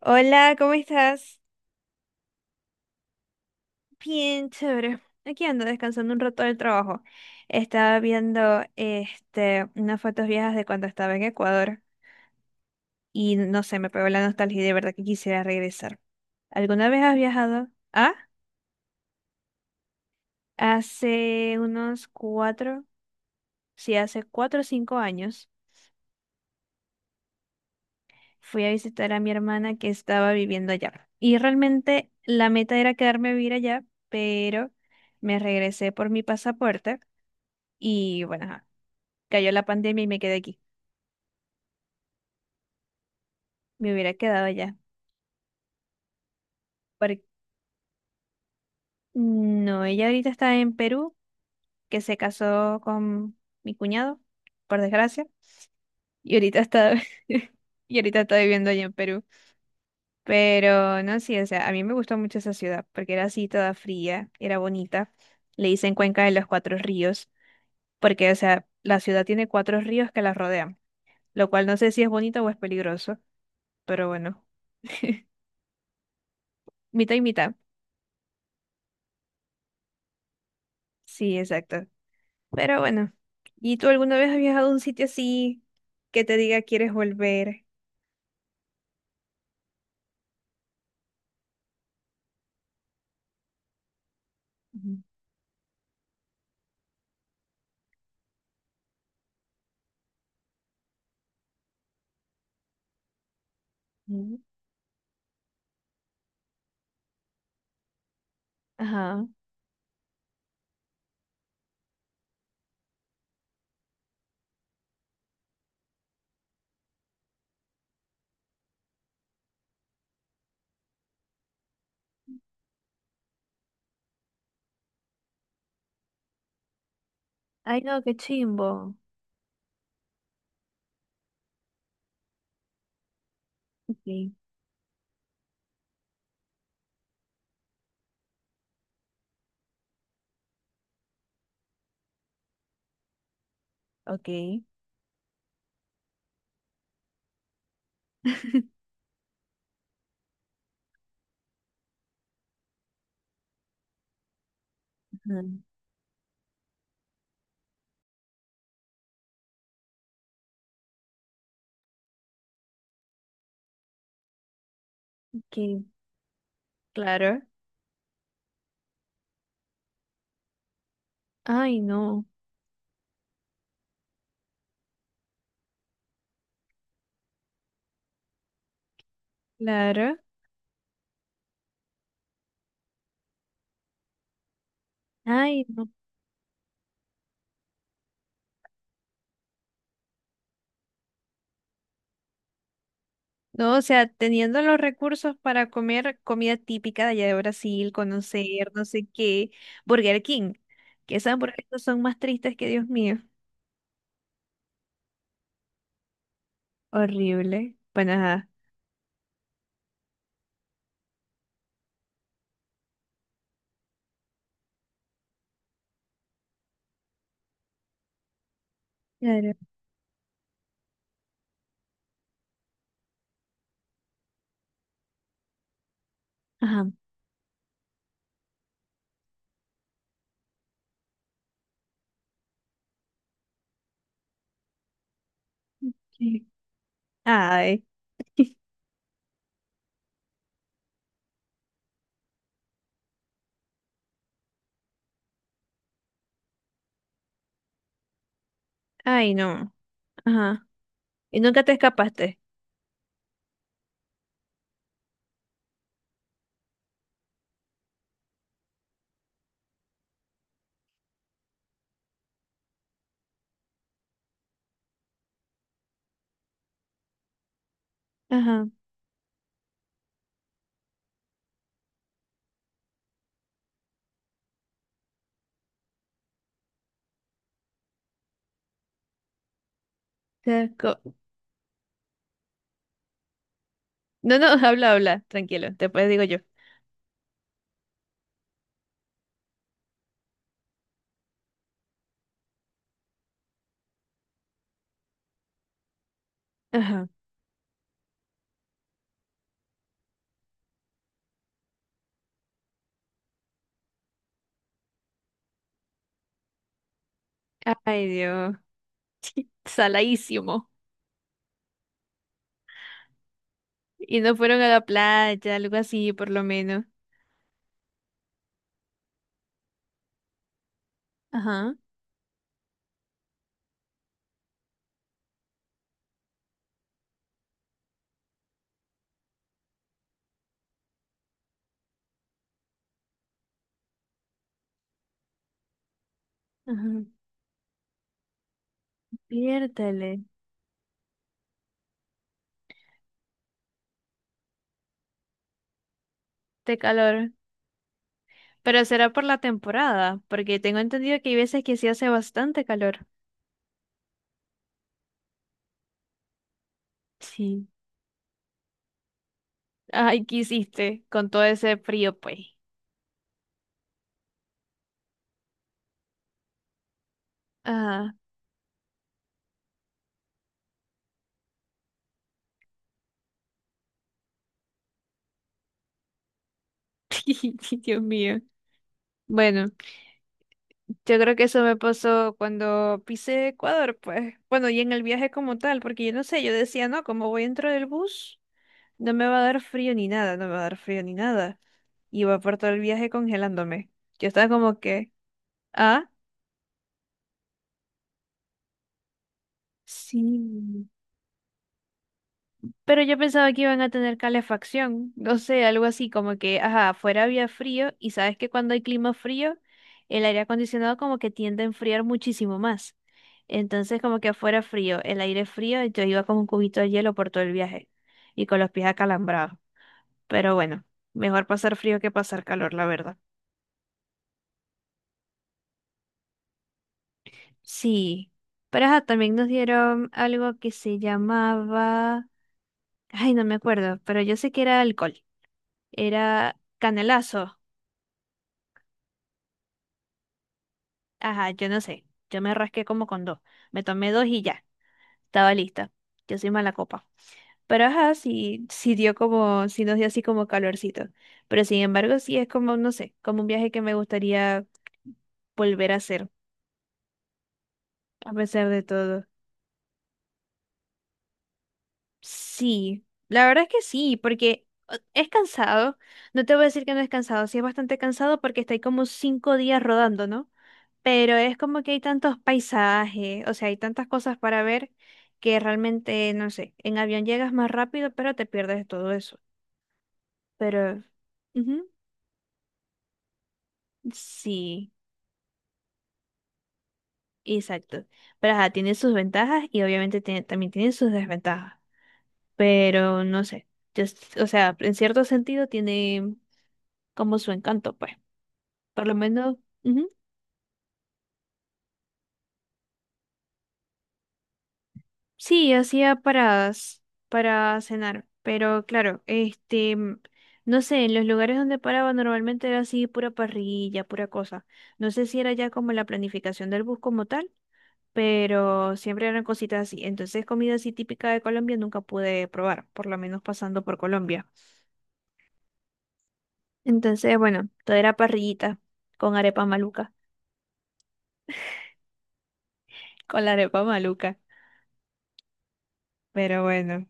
Hola, ¿cómo estás? Bien, chévere. Aquí ando descansando un rato del trabajo. Estaba viendo unas fotos viejas de cuando estaba en Ecuador y no sé, me pegó la nostalgia y de verdad que quisiera regresar. ¿Alguna vez has viajado? Ah, hace unos cuatro, sí, hace 4 o 5 años fui a visitar a mi hermana que estaba viviendo allá. Y realmente la meta era quedarme a vivir allá, pero me regresé por mi pasaporte y bueno, cayó la pandemia y me quedé aquí. Me hubiera quedado allá. Porque, no, ella ahorita está en Perú, que se casó con mi cuñado, por desgracia. Y ahorita está, y ahorita está viviendo allá en Perú. Pero no, sí, o sea, a mí me gustó mucho esa ciudad, porque era así toda fría, era bonita. Le dicen Cuenca de los Cuatro Ríos, porque, o sea, la ciudad tiene cuatro ríos que la rodean, lo cual no sé si es bonito o es peligroso, pero bueno, mitad y mitad. Sí, exacto. Pero bueno, ¿y tú alguna vez has viajado a un sitio así que te diga quieres volver? Ujú. Ajá, ay, no, qué chimbo. Ok, okay. Ajá. Que, claro. Ay, no, claro. Ay, no. No, o sea, teniendo los recursos para comer comida típica de allá de Brasil, conocer no sé qué, Burger King, que esas hamburguesas son más tristes que Dios mío. Horrible. Bueno, ajá. Claro. Ajá. Sí. Ay. Ay, no. Ajá. Y nunca te escapaste. Ajá. Te esco- No, no, habla, habla, tranquilo, después digo yo. Ajá. Ay, Dios. Saladísimo. Y no fueron a la playa, algo así, por lo menos. Ajá. Ajá. Piértale. Este calor. Pero será por la temporada, porque tengo entendido que hay veces que sí hace bastante calor. Sí. Ay, ¿qué hiciste con todo ese frío, pues? Ajá. Dios mío. Bueno. Yo creo que eso me pasó cuando pisé Ecuador, pues, bueno, y en el viaje como tal, porque yo no sé, yo decía, no, como voy dentro del bus, no me va a dar frío ni nada, no me va a dar frío ni nada. Iba por todo el viaje congelándome. Yo estaba como que, ah, sí. Pero yo pensaba que iban a tener calefacción, no sé, algo así, como que, ajá, afuera había frío y sabes que cuando hay clima frío, el aire acondicionado como que tiende a enfriar muchísimo más. Entonces como que afuera frío, el aire frío, yo iba con un cubito de hielo por todo el viaje y con los pies acalambrados. Pero bueno, mejor pasar frío que pasar calor, la verdad. Sí, pero ajá, también nos dieron algo que se llamaba, ay, no me acuerdo, pero yo sé que era alcohol, era canelazo. Ajá, yo no sé. Yo me rasqué como con dos. Me tomé dos y ya. Estaba lista. Yo soy mala copa. Pero ajá, sí, sí dio como, sí nos dio así como calorcito. Pero sin embargo, sí es como, no sé, como un viaje que me gustaría volver a hacer, a pesar de todo. Sí, la verdad es que sí, porque es cansado. No te voy a decir que no es cansado, sí es bastante cansado porque estáis como 5 días rodando, ¿no? Pero es como que hay tantos paisajes, o sea, hay tantas cosas para ver que realmente, no sé, en avión llegas más rápido, pero te pierdes todo eso. Pero, ujú, sí, exacto. Pero ajá, tiene sus ventajas y obviamente también tiene sus desventajas. Pero no sé, o sea, en cierto sentido tiene como su encanto, pues. Por lo menos, ujú. Sí, hacía paradas para cenar, pero claro, no sé, en los lugares donde paraba normalmente era así pura parrilla, pura cosa. No sé si era ya como la planificación del bus como tal, pero siempre eran cositas así. Entonces, comida así típica de Colombia nunca pude probar, por lo menos pasando por Colombia. Entonces, bueno, todo era parrillita con arepa maluca, con la arepa maluca, pero bueno.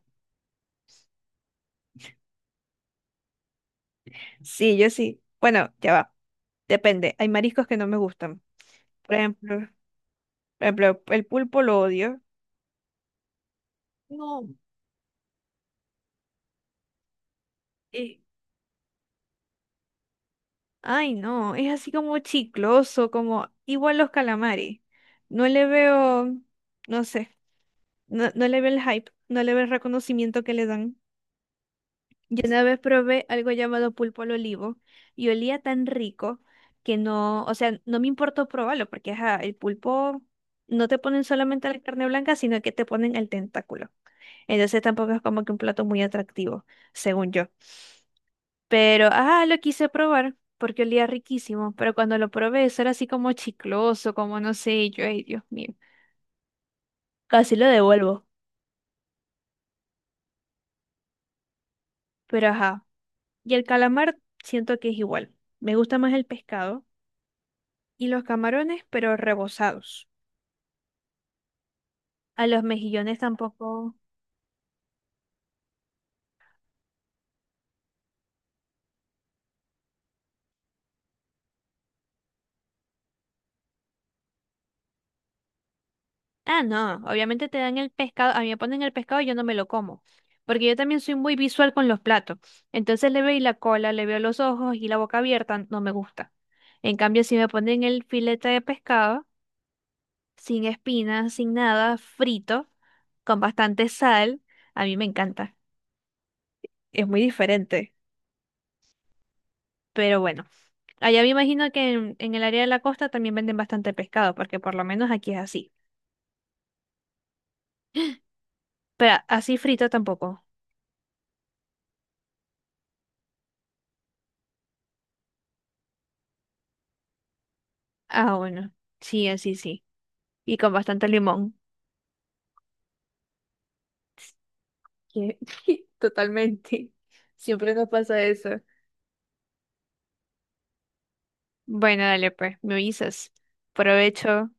Sí, yo sí. Bueno, ya va. Depende. Hay mariscos que no me gustan. Por ejemplo, por ejemplo, el pulpo lo odio. No. eh, ay, no. Es así como chicloso, como igual los calamares. No le veo, no sé, no, no le veo el hype, no le veo el reconocimiento que le dan. Yo una vez probé algo llamado pulpo al olivo y olía tan rico que no, o sea, no me importó probarlo porque ajá, el pulpo no te ponen solamente la carne blanca, sino que te ponen el tentáculo. Entonces tampoco es como que un plato muy atractivo, según yo. Pero, ajá, lo quise probar porque olía riquísimo, pero cuando lo probé eso era así como chicloso, como no sé, y yo, ay, Dios mío, casi lo devuelvo. Pero, ajá, y el calamar siento que es igual. Me gusta más el pescado y los camarones, pero rebozados. A los mejillones tampoco. Ah, no, obviamente te dan el pescado. A mí me ponen el pescado y yo no me lo como. Porque yo también soy muy visual con los platos. Entonces le veo la cola, le veo los ojos y la boca abierta, no me gusta. En cambio, si me ponen el filete de pescado, sin espinas, sin nada, frito, con bastante sal, a mí me encanta. Es muy diferente. Pero bueno, allá me imagino que en el área de la costa también venden bastante pescado, porque por lo menos aquí es así. Pero así frito tampoco. Ah, bueno. Sí, así sí. Y con bastante limón. Que- Totalmente. Siempre nos pasa eso. Bueno, dale pues, me avisas. Provecho.